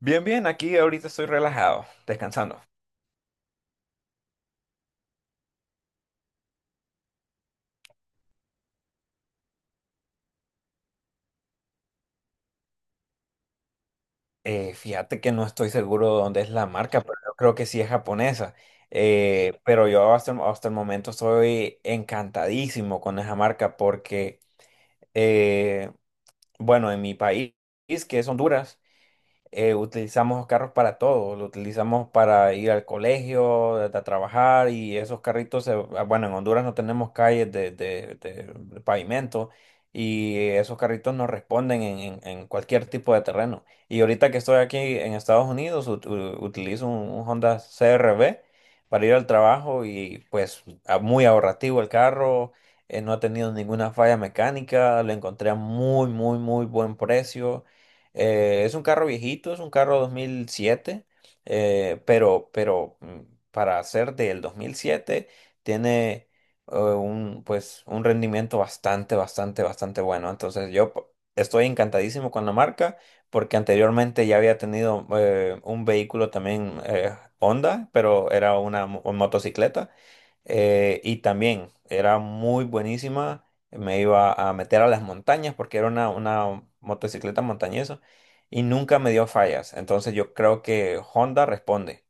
Bien, bien, aquí ahorita estoy relajado, descansando. Fíjate que no estoy seguro de dónde es la marca, pero yo creo que sí es japonesa. Pero yo hasta el momento estoy encantadísimo con esa marca, porque eh, bueno, en mi país, que es Honduras, utilizamos los carros para todo. Lo utilizamos para ir al colegio, a trabajar, y esos carritos, bueno, en Honduras no tenemos calles de, de pavimento, y esos carritos nos responden en, en cualquier tipo de terreno. Y ahorita que estoy aquí en Estados Unidos, utilizo un Honda CRV para ir al trabajo, y pues muy ahorrativo el carro. No ha tenido ninguna falla mecánica. Lo encontré a muy, muy, muy buen precio. Es un carro viejito, es un carro 2007, pero para ser del 2007 tiene un rendimiento bastante, bastante, bastante bueno. Entonces yo estoy encantadísimo con la marca, porque anteriormente ya había tenido un vehículo también, Honda, pero era una motocicleta. Y también era muy buenísima. Me iba a meter a las montañas porque era una motocicleta montañesa, y nunca me dio fallas. Entonces yo creo que Honda responde.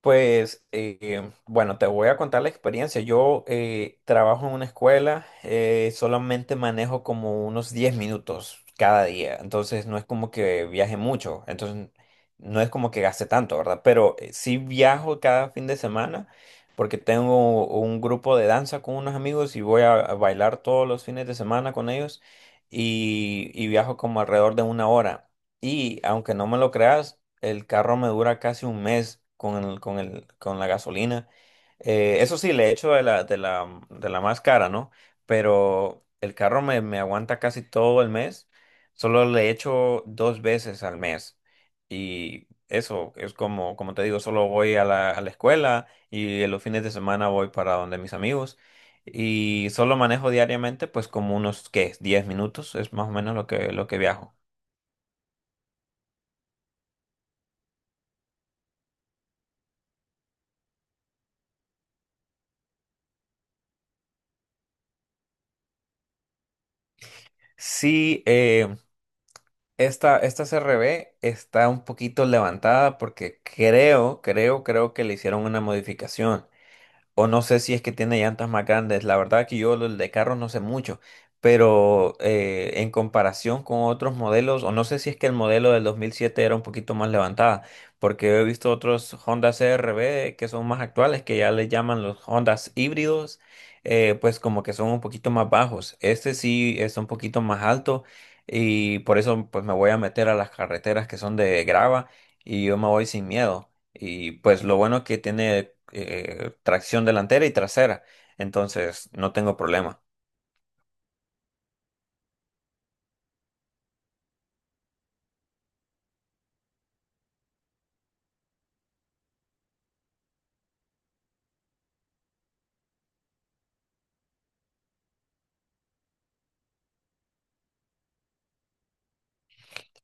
Pues bueno, te voy a contar la experiencia. Yo trabajo en una escuela. Solamente manejo como unos 10 minutos cada día, entonces no es como que viaje mucho, entonces no es como que gaste tanto, ¿verdad? Pero sí viajo cada fin de semana, porque tengo un grupo de danza con unos amigos y voy a bailar todos los fines de semana con ellos, y viajo como alrededor de 1 hora. Y aunque no me lo creas, el carro me dura casi un mes con la gasolina. Eso sí, le echo de la más cara, ¿no? Pero el carro me aguanta casi todo el mes. Solo le echo 2 veces al mes. Y eso es como te digo, solo voy a la escuela, y en los fines de semana voy para donde mis amigos. Y solo manejo diariamente, pues como unos, ¿qué? 10 minutos es más o menos lo que viajo. Sí. Esta CRB está un poquito levantada, porque creo que le hicieron una modificación. O no sé si es que tiene llantas más grandes. La verdad que yo lo de carros no sé mucho. Pero en comparación con otros modelos, o no sé si es que el modelo del 2007 era un poquito más levantada, porque he visto otros Honda CRV que son más actuales, que ya les llaman los Hondas híbridos, pues como que son un poquito más bajos. Este sí es un poquito más alto, y por eso pues me voy a meter a las carreteras que son de grava, y yo me voy sin miedo. Y pues lo bueno que tiene tracción delantera y trasera. Entonces no tengo problema.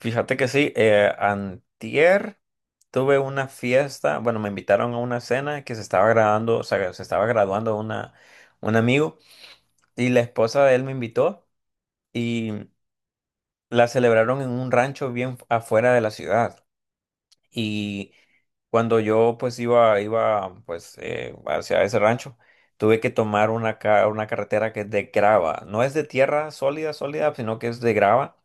Fíjate que sí. Antier tuve una fiesta. Bueno, me invitaron a una cena que se estaba graduando, o sea, se estaba graduando un amigo. Y la esposa de él me invitó, y la celebraron en un rancho bien afuera de la ciudad. Y cuando yo pues iba pues hacia ese rancho, tuve que tomar una carretera que es de grava. No es de tierra sólida, sólida, sino que es de grava.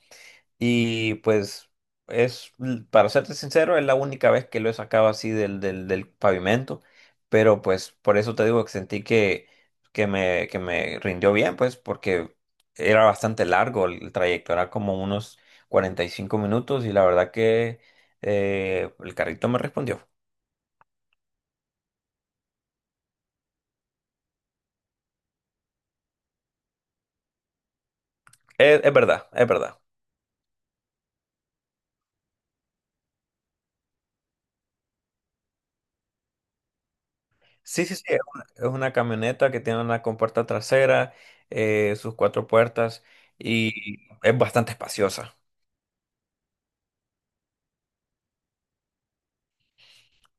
Y pues para serte sincero, es la única vez que lo he sacado así del, del pavimento. Pero pues por eso te digo que sentí que, que me rindió bien, pues porque era bastante largo el trayecto. Era como unos 45 minutos, y la verdad que el carrito me respondió. Es verdad, es verdad. Sí, sí, sí, es una camioneta que tiene una compuerta trasera, sus 4 puertas, y es bastante espaciosa.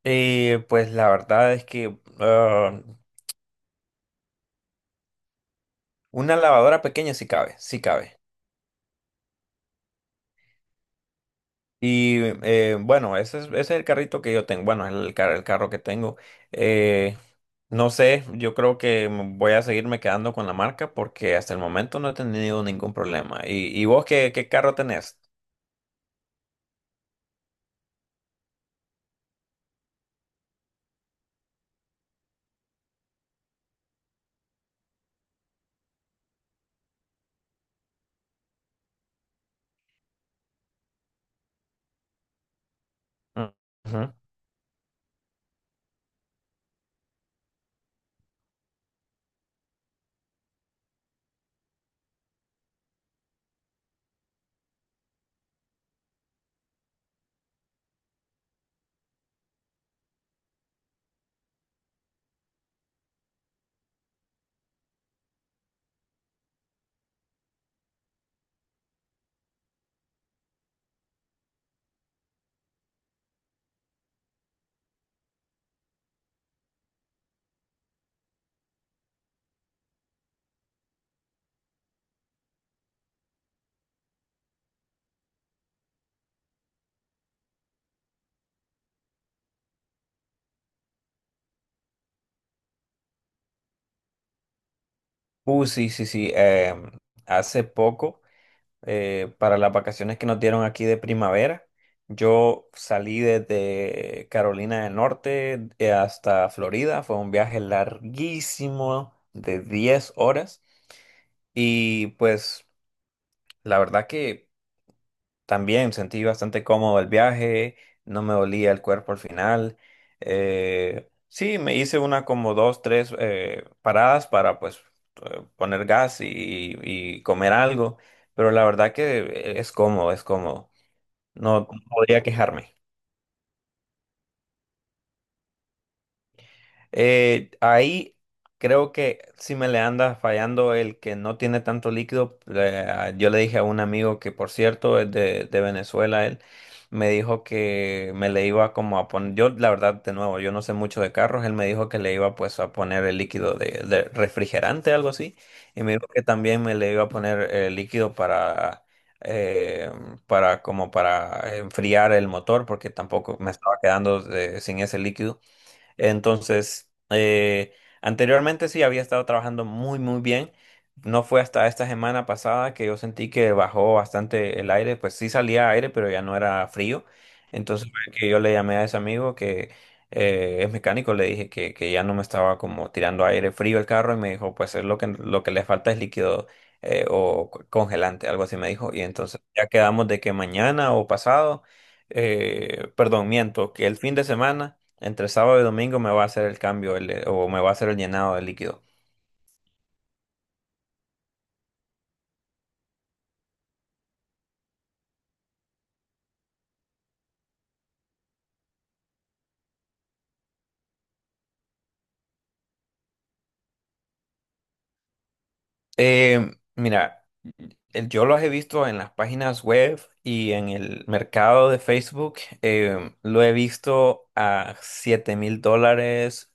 Pues la verdad es que una lavadora pequeña sí cabe, sí cabe. Y bueno, ese es el carrito que yo tengo. Bueno, es el carro que tengo. Eh, no sé, yo creo que voy a seguirme quedando con la marca, porque hasta el momento no he tenido ningún problema. ¿Y vos qué, qué carro tenés? Mm. Ujú. Sí, sí, sí. Hace poco. Para las vacaciones que nos dieron aquí de primavera, yo salí desde Carolina del Norte hasta Florida. Fue un viaje larguísimo de 10 horas. Y pues la verdad que también sentí bastante cómodo el viaje. No me dolía el cuerpo al final. Sí, me hice una como dos, tres paradas para pues poner gas y comer algo. Pero la verdad que es cómodo, es cómodo. No podría quejarme. Ahí creo que si me le anda fallando, el que no tiene tanto líquido. Yo le dije a un amigo que, por cierto, es de Venezuela. Él me dijo que me le iba como a poner, yo la verdad, de nuevo, yo no sé mucho de carros. Él me dijo que le iba pues a poner el líquido de refrigerante, algo así. Y me dijo que también me le iba a poner líquido eh, para enfriar el motor, porque tampoco me estaba quedando sin ese líquido. Entonces, anteriormente sí había estado trabajando muy, muy bien. No fue hasta esta semana pasada que yo sentí que bajó bastante el aire. Pues sí salía aire, pero ya no era frío. Entonces fue que yo le llamé a ese amigo que es mecánico. Le dije que ya no me estaba como tirando aire frío el carro, y me dijo, pues es lo que le falta es líquido o congelante, algo así me dijo. Y entonces ya quedamos de que mañana o pasado, perdón, miento, que el fin de semana. Entre sábado y domingo me va a hacer el cambio, o me va a hacer el llenado de líquido. Mira, yo los he visto en las páginas web y en el mercado de Facebook. Lo he visto a $7,000,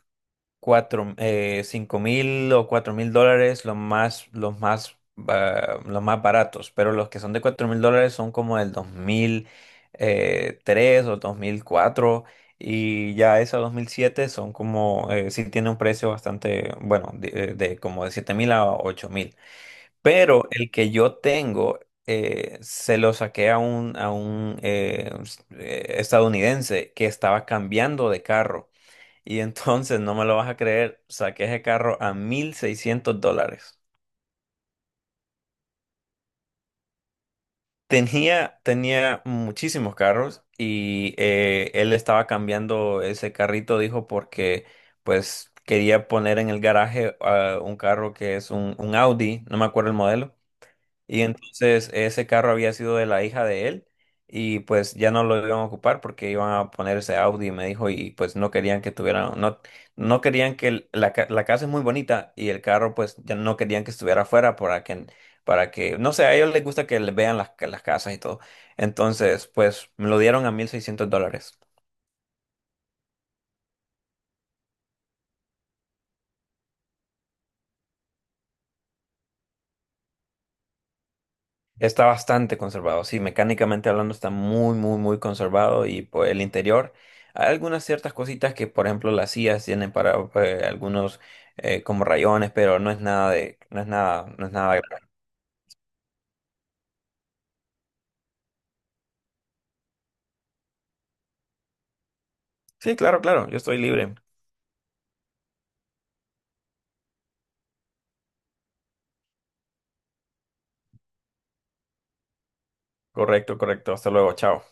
5,000 o $4,000, los más baratos. Pero los que son de $4,000 son como del 2000 tres, o 2004. Y ya esos 2007 son como, sí tiene un precio bastante, bueno, de como de 7,000 a 8,000. Pero el que yo tengo, se lo saqué a un estadounidense que estaba cambiando de carro. Y entonces, no me lo vas a creer, saqué ese carro a $1,600. Tenía muchísimos carros, y él estaba cambiando ese carrito, dijo, porque pues quería poner en el garaje un carro que es un Audi, no me acuerdo el modelo. Y entonces ese carro había sido de la hija de él, y pues ya no lo iban a ocupar, porque iban a poner ese Audi, me dijo. Y pues no querían que tuvieran, no, no querían que la casa es muy bonita, y el carro pues ya no querían que estuviera afuera, para que, no sé, a ellos les gusta que les vean las casas y todo. Entonces pues me lo dieron a $1,600. Está bastante conservado, sí. Mecánicamente hablando, está muy, muy, muy conservado. Y pues el interior, hay algunas ciertas cositas que, por ejemplo, las sillas tienen, para algunos como rayones, pero no es nada de, no es nada, no es nada grave. Sí, claro, claro, yo estoy libre. Correcto, correcto. Hasta luego, chao.